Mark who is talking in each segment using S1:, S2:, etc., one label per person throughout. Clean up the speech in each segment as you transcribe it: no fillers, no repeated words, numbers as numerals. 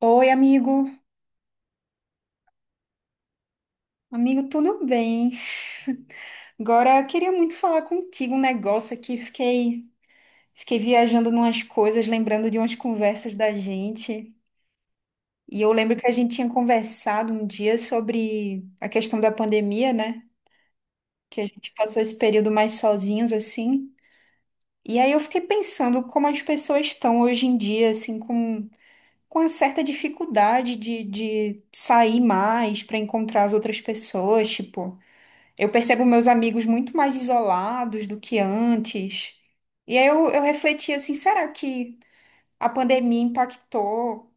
S1: Oi, amigo. Amigo, tudo bem? Agora, eu queria muito falar contigo um negócio aqui. Fiquei viajando numas coisas, lembrando de umas conversas da gente. E eu lembro que a gente tinha conversado um dia sobre a questão da pandemia, né? Que a gente passou esse período mais sozinhos, assim. E aí eu fiquei pensando como as pessoas estão hoje em dia, assim, com uma certa dificuldade de sair mais para encontrar as outras pessoas, tipo. Eu percebo meus amigos muito mais isolados do que antes. E aí eu refleti assim, será que a pandemia impactou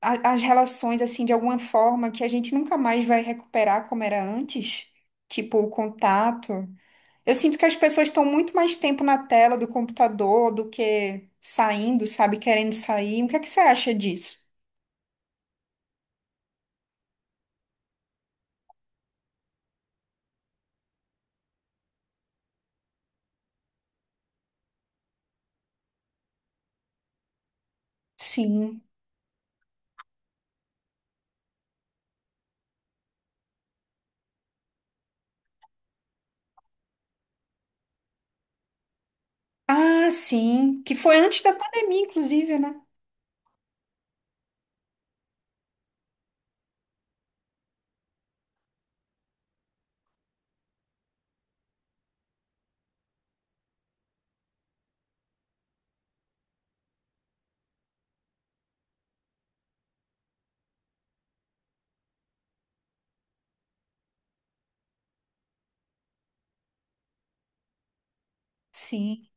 S1: as relações assim de alguma forma que a gente nunca mais vai recuperar como era antes? Tipo, o contato. Eu sinto que as pessoas estão muito mais tempo na tela do computador do que saindo, sabe, querendo sair. O que é que você acha disso? Sim. Ah, sim. Que foi antes da pandemia, inclusive, né? Sim.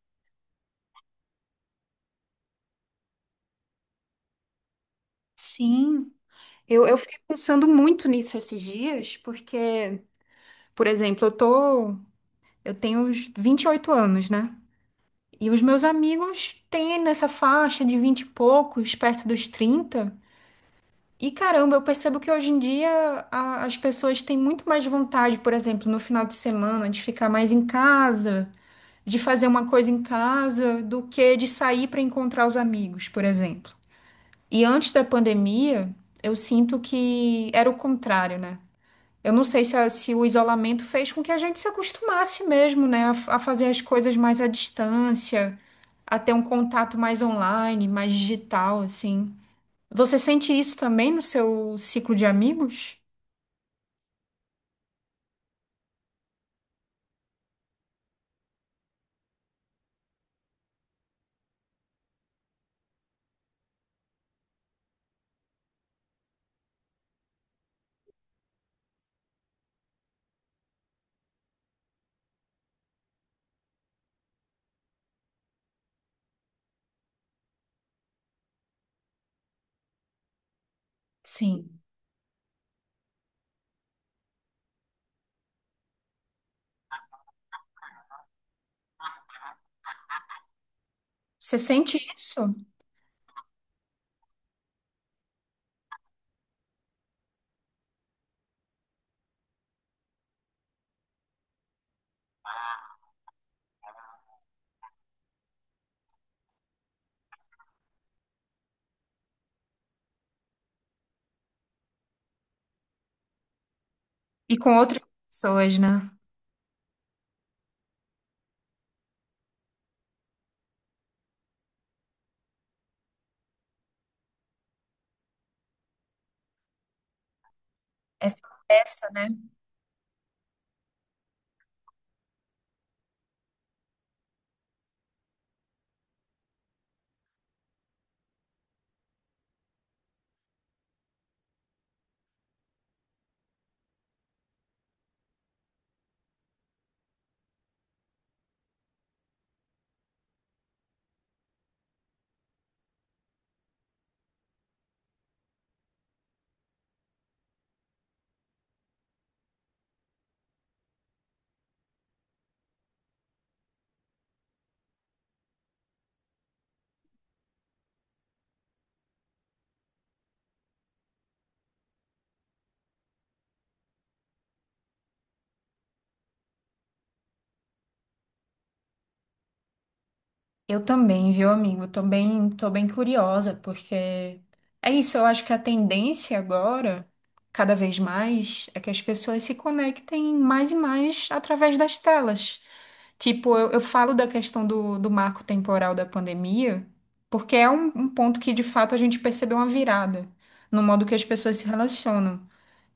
S1: Sim. Eu fiquei pensando muito nisso esses dias, porque, por exemplo, eu tenho uns 28 anos, né? E os meus amigos têm nessa faixa de 20 e poucos, perto dos 30. E caramba, eu percebo que hoje em dia as pessoas têm muito mais vontade, por exemplo, no final de semana, de ficar mais em casa, de fazer uma coisa em casa, do que de sair para encontrar os amigos, por exemplo. E antes da pandemia, eu sinto que era o contrário, né? Eu não sei se o isolamento fez com que a gente se acostumasse mesmo, né, a fazer as coisas mais à distância, a ter um contato mais online, mais digital, assim. Você sente isso também no seu ciclo de amigos? Sim. Você sente isso? E com outras pessoas, né? Essa peça, né? Eu também, viu, amigo? Tô bem curiosa, porque é isso, eu acho que a tendência agora, cada vez mais, é que as pessoas se conectem mais e mais através das telas. Tipo, eu falo da questão do marco temporal da pandemia, porque é um ponto que, de fato, a gente percebeu uma virada no modo que as pessoas se relacionam.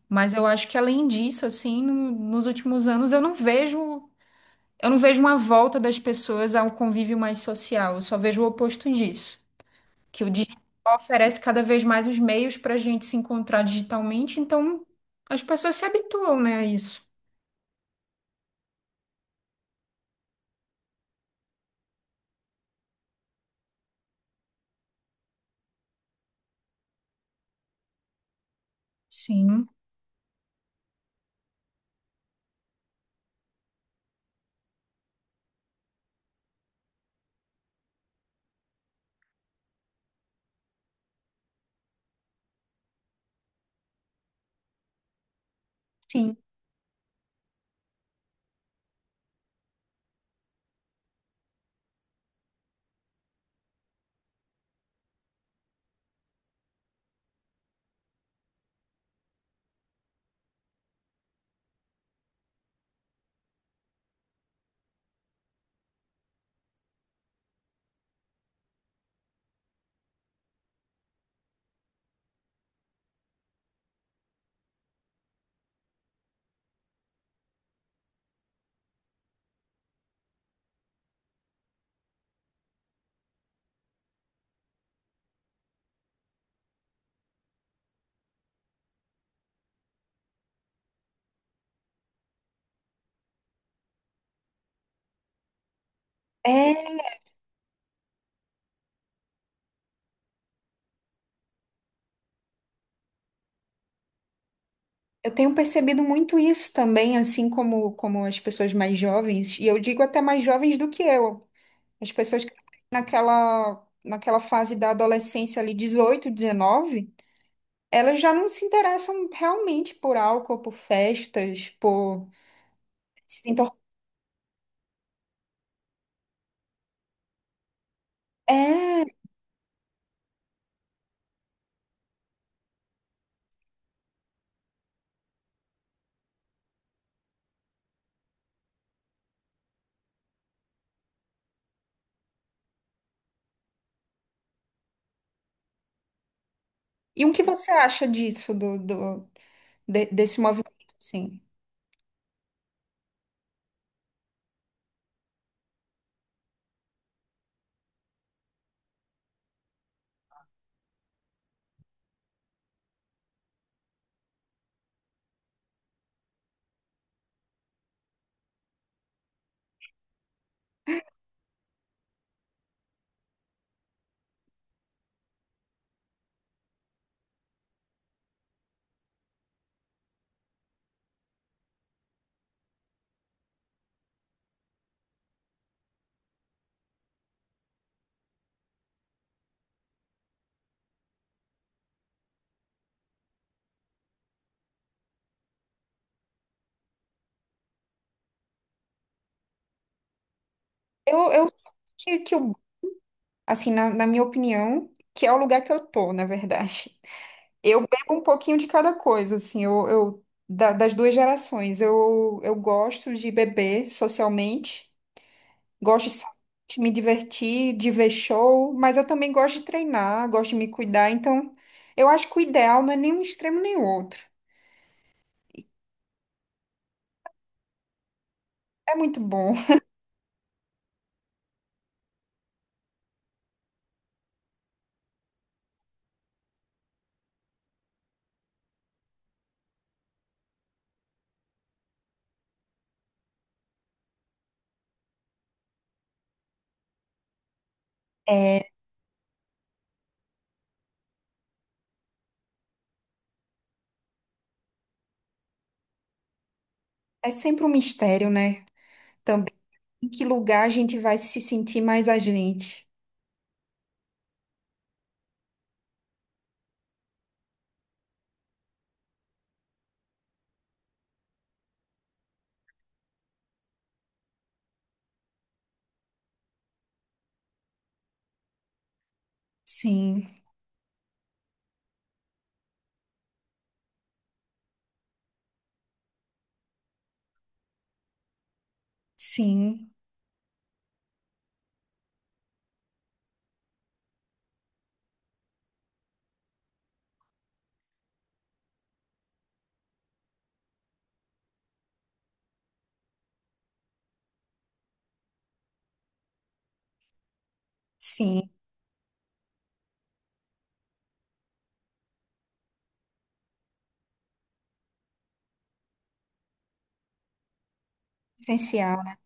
S1: Mas eu acho que, além disso, assim, nos últimos anos, eu não vejo. Eu não vejo uma volta das pessoas ao convívio mais social, eu só vejo o oposto disso, que o digital oferece cada vez mais os meios para a gente se encontrar digitalmente, então as pessoas se habituam, né, a isso. Sim, sim. É, eu tenho percebido muito isso também, assim como, como as pessoas mais jovens, e eu digo até mais jovens do que eu, as pessoas que estão naquela fase da adolescência ali, 18, 19. Elas já não se interessam realmente por álcool, por festas, por. Se entor- É. E o que você acha disso, do, desse movimento, assim? Eu que eu, assim, na minha opinião, que é o lugar que eu tô, na verdade. Eu bebo um pouquinho de cada coisa, assim, das duas gerações. Eu gosto de beber socialmente. Gosto de sair, de me divertir, de ver show, mas eu também gosto de treinar, gosto de me cuidar. Então, eu acho que o ideal não é nem um extremo nem o outro. É muito bom. É, é sempre um mistério, né? Também em que lugar a gente vai se sentir mais a gente. Sim, sim, sim. Essencial, né?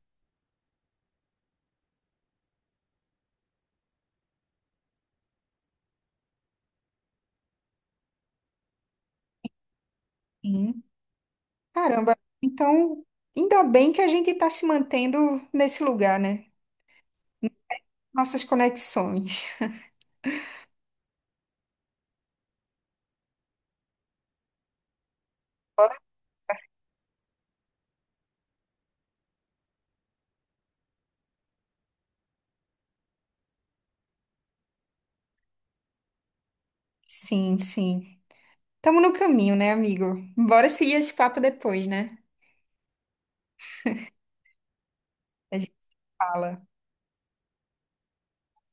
S1: Sim. Caramba. Então, ainda bem que a gente está se mantendo nesse lugar, né? Nossas conexões. Sim, sim. Tamo no caminho, né, amigo? Bora seguir esse papo depois, né? A gente fala.